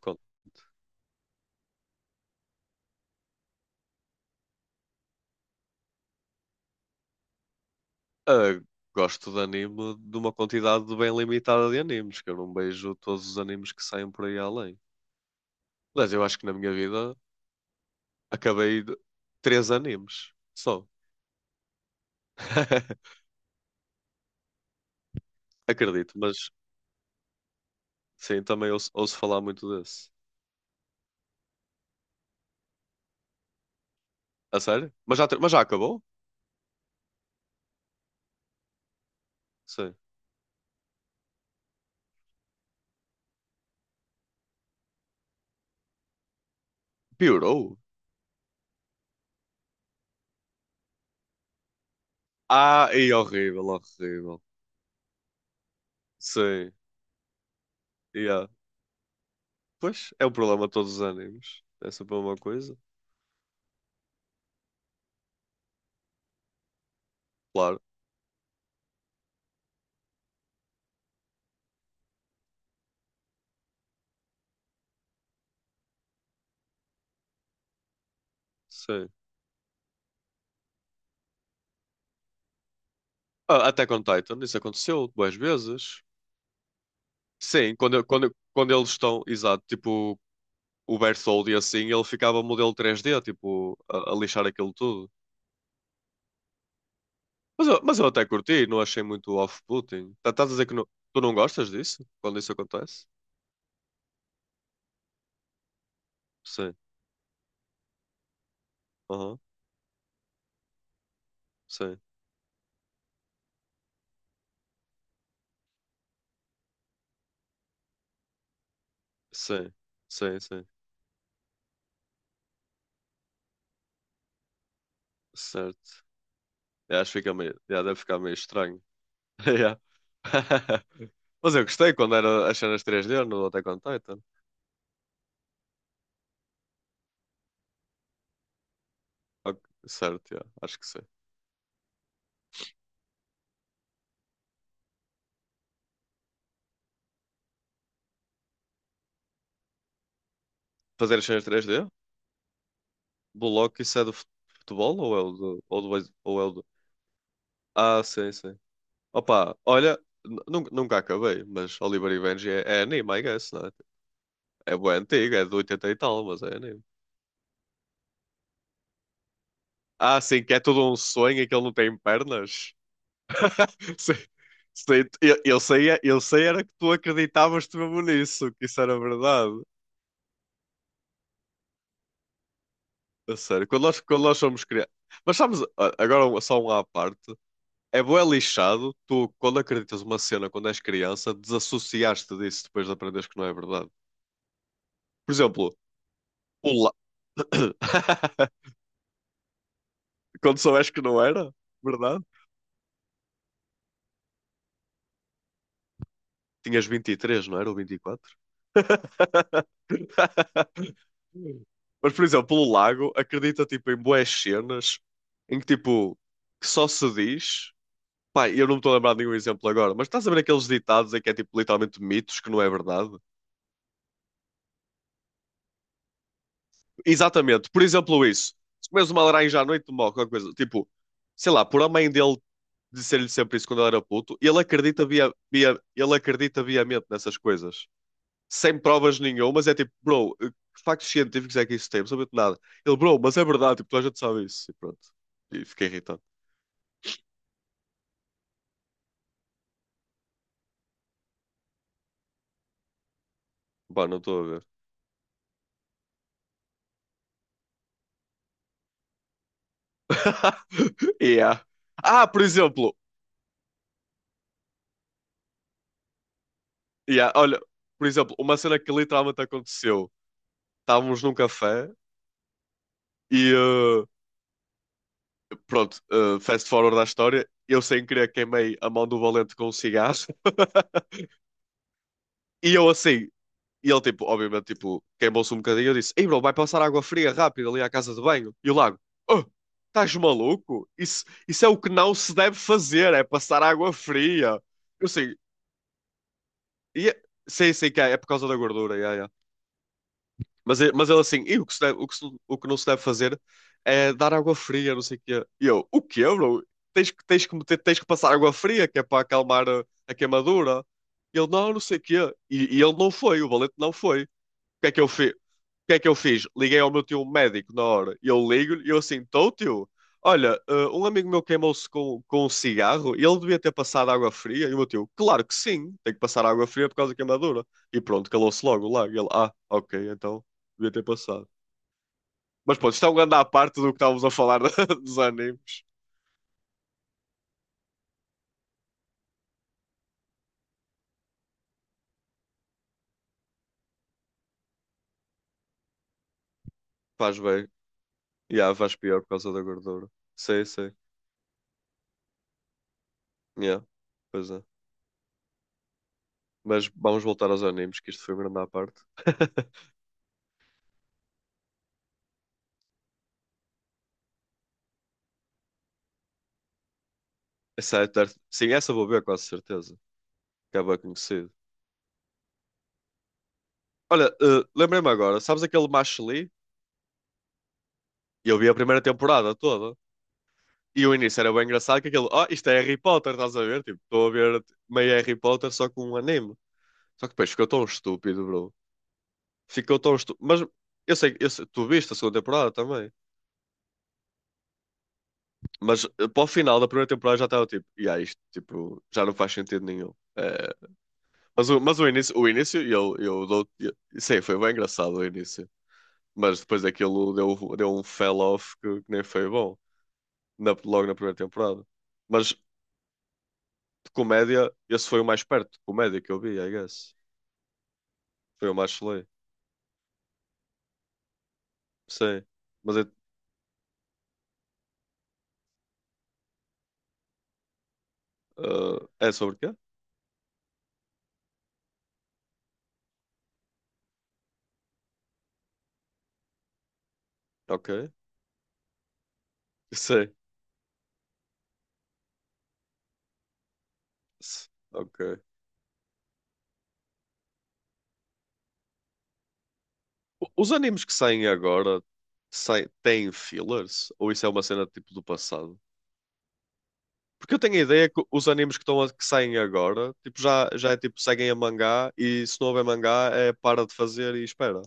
con- ah, Gosto de anime de uma quantidade bem limitada de animes, que eu não vejo todos os animes que saem por aí além. Aliás, eu acho que na minha vida acabei três animes só. Acredito, mas sim, também ouço falar muito desse. A sério? Mas já acabou? Sim. Piorou? Ah, e horrível, horrível. Sim, yeah. Pois, é o problema de todos os animes. É sempre uma coisa. Claro, sim. Ah, Attack on Titan, isso aconteceu duas vezes. Sim, quando eles estão, exato, tipo o Berthold e assim, ele ficava modelo 3D, tipo, a lixar aquilo tudo. Mas eu até curti, não achei muito off-putting. Estás a dizer que tu não gostas disso? Quando isso acontece? Sim, aham, sim, sim, sim, sim, certo. Eu acho que fica meio, yeah, deve ficar meio estranho. Yeah. Mas eu gostei quando era as cenas 3D no Attack on Titan. Ok, certo, yeah, acho que sim. Fazer as cenas 3D? Bullock, isso é do futebol ou é o do. Ou ou é o do. Ah, sim, sim. Opa, olha, nunca acabei, mas Oliver e Benji é anime, I guess, não é? É bué antigo, é de 80 e tal, mas é anime. Ah, sim, que é tudo um sonho e que ele não tem pernas. Sim, sim, eu sei era que tu acreditavas te mesmo nisso, que isso era verdade. A sério, quando nós somos crianças. Mas sabes, agora só um à parte. É bué lixado, tu, quando acreditas uma cena quando és criança, desassociaste disso depois de aprenderes que não é verdade. Por exemplo, o la- Quando soubeste que não era verdade, tinhas 23, não era? Ou 24? Mas, por exemplo, o lago acredita, tipo, em bué cenas em que, tipo, que só se diz. Pá, eu não me estou a lembrar de nenhum exemplo agora, mas estás a ver aqueles ditados em que é, tipo, literalmente mitos que não é verdade? Exatamente. Por exemplo, isso. Se comes uma laranja à noite, morre qualquer coisa. Tipo, sei lá, por a mãe dele dizer-lhe sempre isso quando ele era puto, ele acredita viamente nessas coisas. Sem provas nenhumas, é tipo, bro, que factos científicos é que isso tem? Não sabia de nada. Ele, bro, mas é verdade, tipo, toda a gente sabe isso. E pronto. E fiquei irritado. Pá, não estou a ver. Yeah. Ah, por exemplo, yeah, olha, por exemplo, uma cena que literalmente aconteceu. Estávamos num café e pronto, fast forward da história, eu sem querer queimei a mão do Valente com um cigarro. E eu assim, e ele tipo, obviamente, tipo, queimou-se um bocadinho. Eu disse, ei bro, vai passar água fria rápido ali à casa de banho. E o Lago, oh, estás maluco? Isso é o que não se deve fazer, é passar água fria. Eu assim, "Ia- sim, sim, que é por causa da gordura, ia, ia." Mas, mas ele assim, e o que não se deve fazer é dar água fria, não sei o quê. E eu, o quê, bro? Tens que passar água fria, que é para acalmar a queimadura. E ele, não, não sei o quê. E ele não foi, o valente não foi. O que é que eu fiz? Liguei ao meu tio médico na hora. E eu ligo-lhe e eu assim, tô tio, olha, um amigo meu queimou-se com um cigarro e ele devia ter passado água fria. E o meu tio, claro que sim, tem que passar água fria por causa da queimadura. E pronto, calou-se logo lá. E ele, ah, ok, então devia ter passado. Mas pronto, isto é um grande à parte do que estávamos a falar dos animes. Faz bem. Yeah, faz pior por causa da gordura. Sei, sei. Yeah, pois é. Mas vamos voltar aos animes, que isto foi um grande à parte. Sim, essa eu vou ver, quase certeza. Que é bem conhecido. Olha, lembrei-me agora, sabes aquele Macho Lee? Eu vi a primeira temporada toda. E o início era bem engraçado, que aquele, oh, isto é Harry Potter, estás a ver? Tipo, estou a ver meio Harry Potter só com um anime. Só que depois ficou tão estúpido, bro. Ficou tão estúpido. Mas tu viste a segunda temporada também. Mas para o final da primeira temporada já estava tipo, e aí isto, tipo, já não faz sentido nenhum. Mas, mas o início, eu dou. Eu, sei, foi bem engraçado o início. Mas depois aquilo deu um fell off que nem foi bom. Logo na primeira temporada. Mas de comédia, esse foi o mais perto de comédia que eu vi, I guess. Foi o mais chulé. Sim. Mas é sobre quê? Ok. Sim, ok. Os animes que saem agora, têm fillers? Ou isso é uma cena tipo do passado? Porque eu tenho a ideia que os animes que, que saem agora tipo, já é tipo seguem a mangá e se não houver mangá é para de fazer e espera.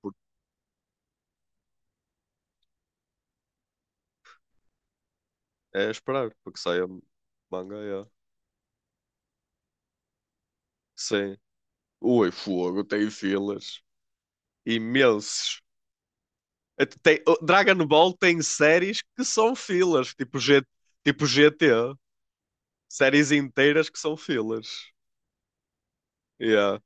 Por- É esperar, porque saia manga, yeah. Sim. Ui, fogo, tem fillers imensos. O Dragon Ball tem séries que são fillers, tipo, GT, séries inteiras que são fillers. Yeah,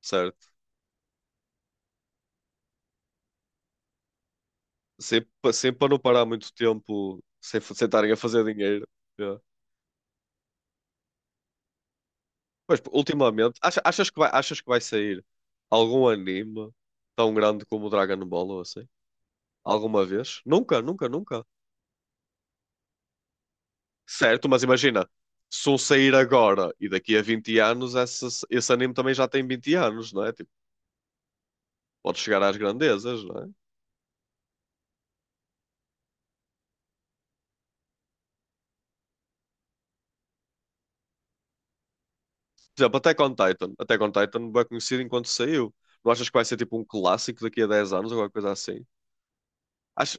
certo. Sempre, sempre para não parar muito tempo sem sem estarem a fazer dinheiro. Yeah. Mas pô, ultimamente, achas que vai sair algum anime tão grande como o Dragon Ball ou assim? Alguma vez? Nunca, nunca, nunca. Certo, mas imagina, se um sair agora e daqui a 20 anos, esse anime também já tem 20 anos, não é? Tipo, pode chegar às grandezas, não é? Por exemplo, Attack on Titan. Attack on Titan bem conhecido enquanto saiu. Não achas que vai ser tipo um clássico daqui a 10 anos ou alguma coisa assim? Acho,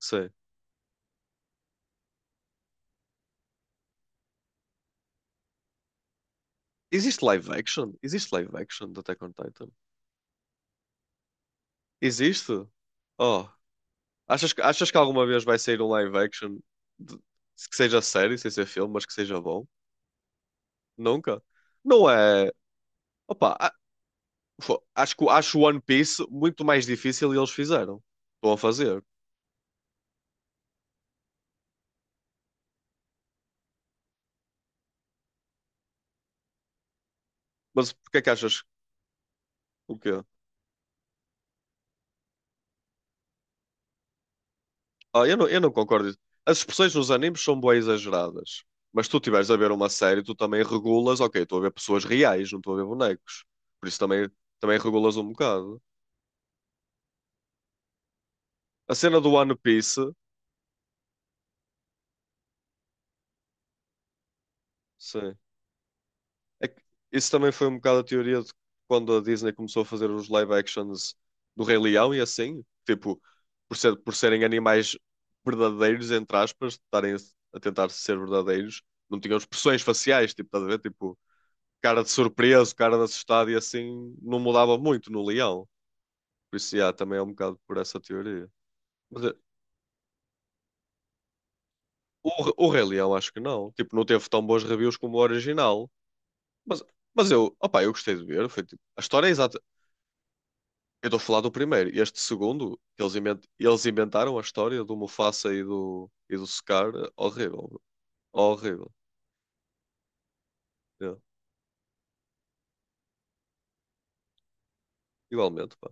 sei. Existe live action? Existe live action de Attack on Titan? Existe? Oh, achas que alguma vez vai sair um live action de- que seja série, sem ser filme, mas que seja bom? Nunca. Não é. Opa, acho que acho One Piece muito mais difícil e eles fizeram. Estão a fazer. Mas porque é que achas o quê? Ah, eu não concordo. As expressões nos animes são bué exageradas. Mas se tu estiveres a ver uma série, tu também regulas, ok, estou a ver pessoas reais, não estou a ver bonecos. Por isso também regulas um bocado. A cena do One Piece, sim. É que isso também foi um bocado a teoria de quando a Disney começou a fazer os live actions do Rei Leão e assim, tipo, por serem animais verdadeiros, entre aspas, estarem a tentar ser verdadeiros, não tinham expressões faciais, tipo, estás a ver? Tipo, cara de surpreso, cara de assustado e assim, não mudava muito no Leão. Por isso, yeah, também é um bocado por essa teoria. Mas o, o Rei Leão acho que não, tipo, não teve tão bons reviews como o original. Mas, mas eu, opá, eu gostei de ver, foi tipo, a história é exata. Eu estou a falar do primeiro. Este segundo, eles, inventaram a história do Mufasa e do Scar. Horrível, bro. Horrível. É. Igualmente, pá.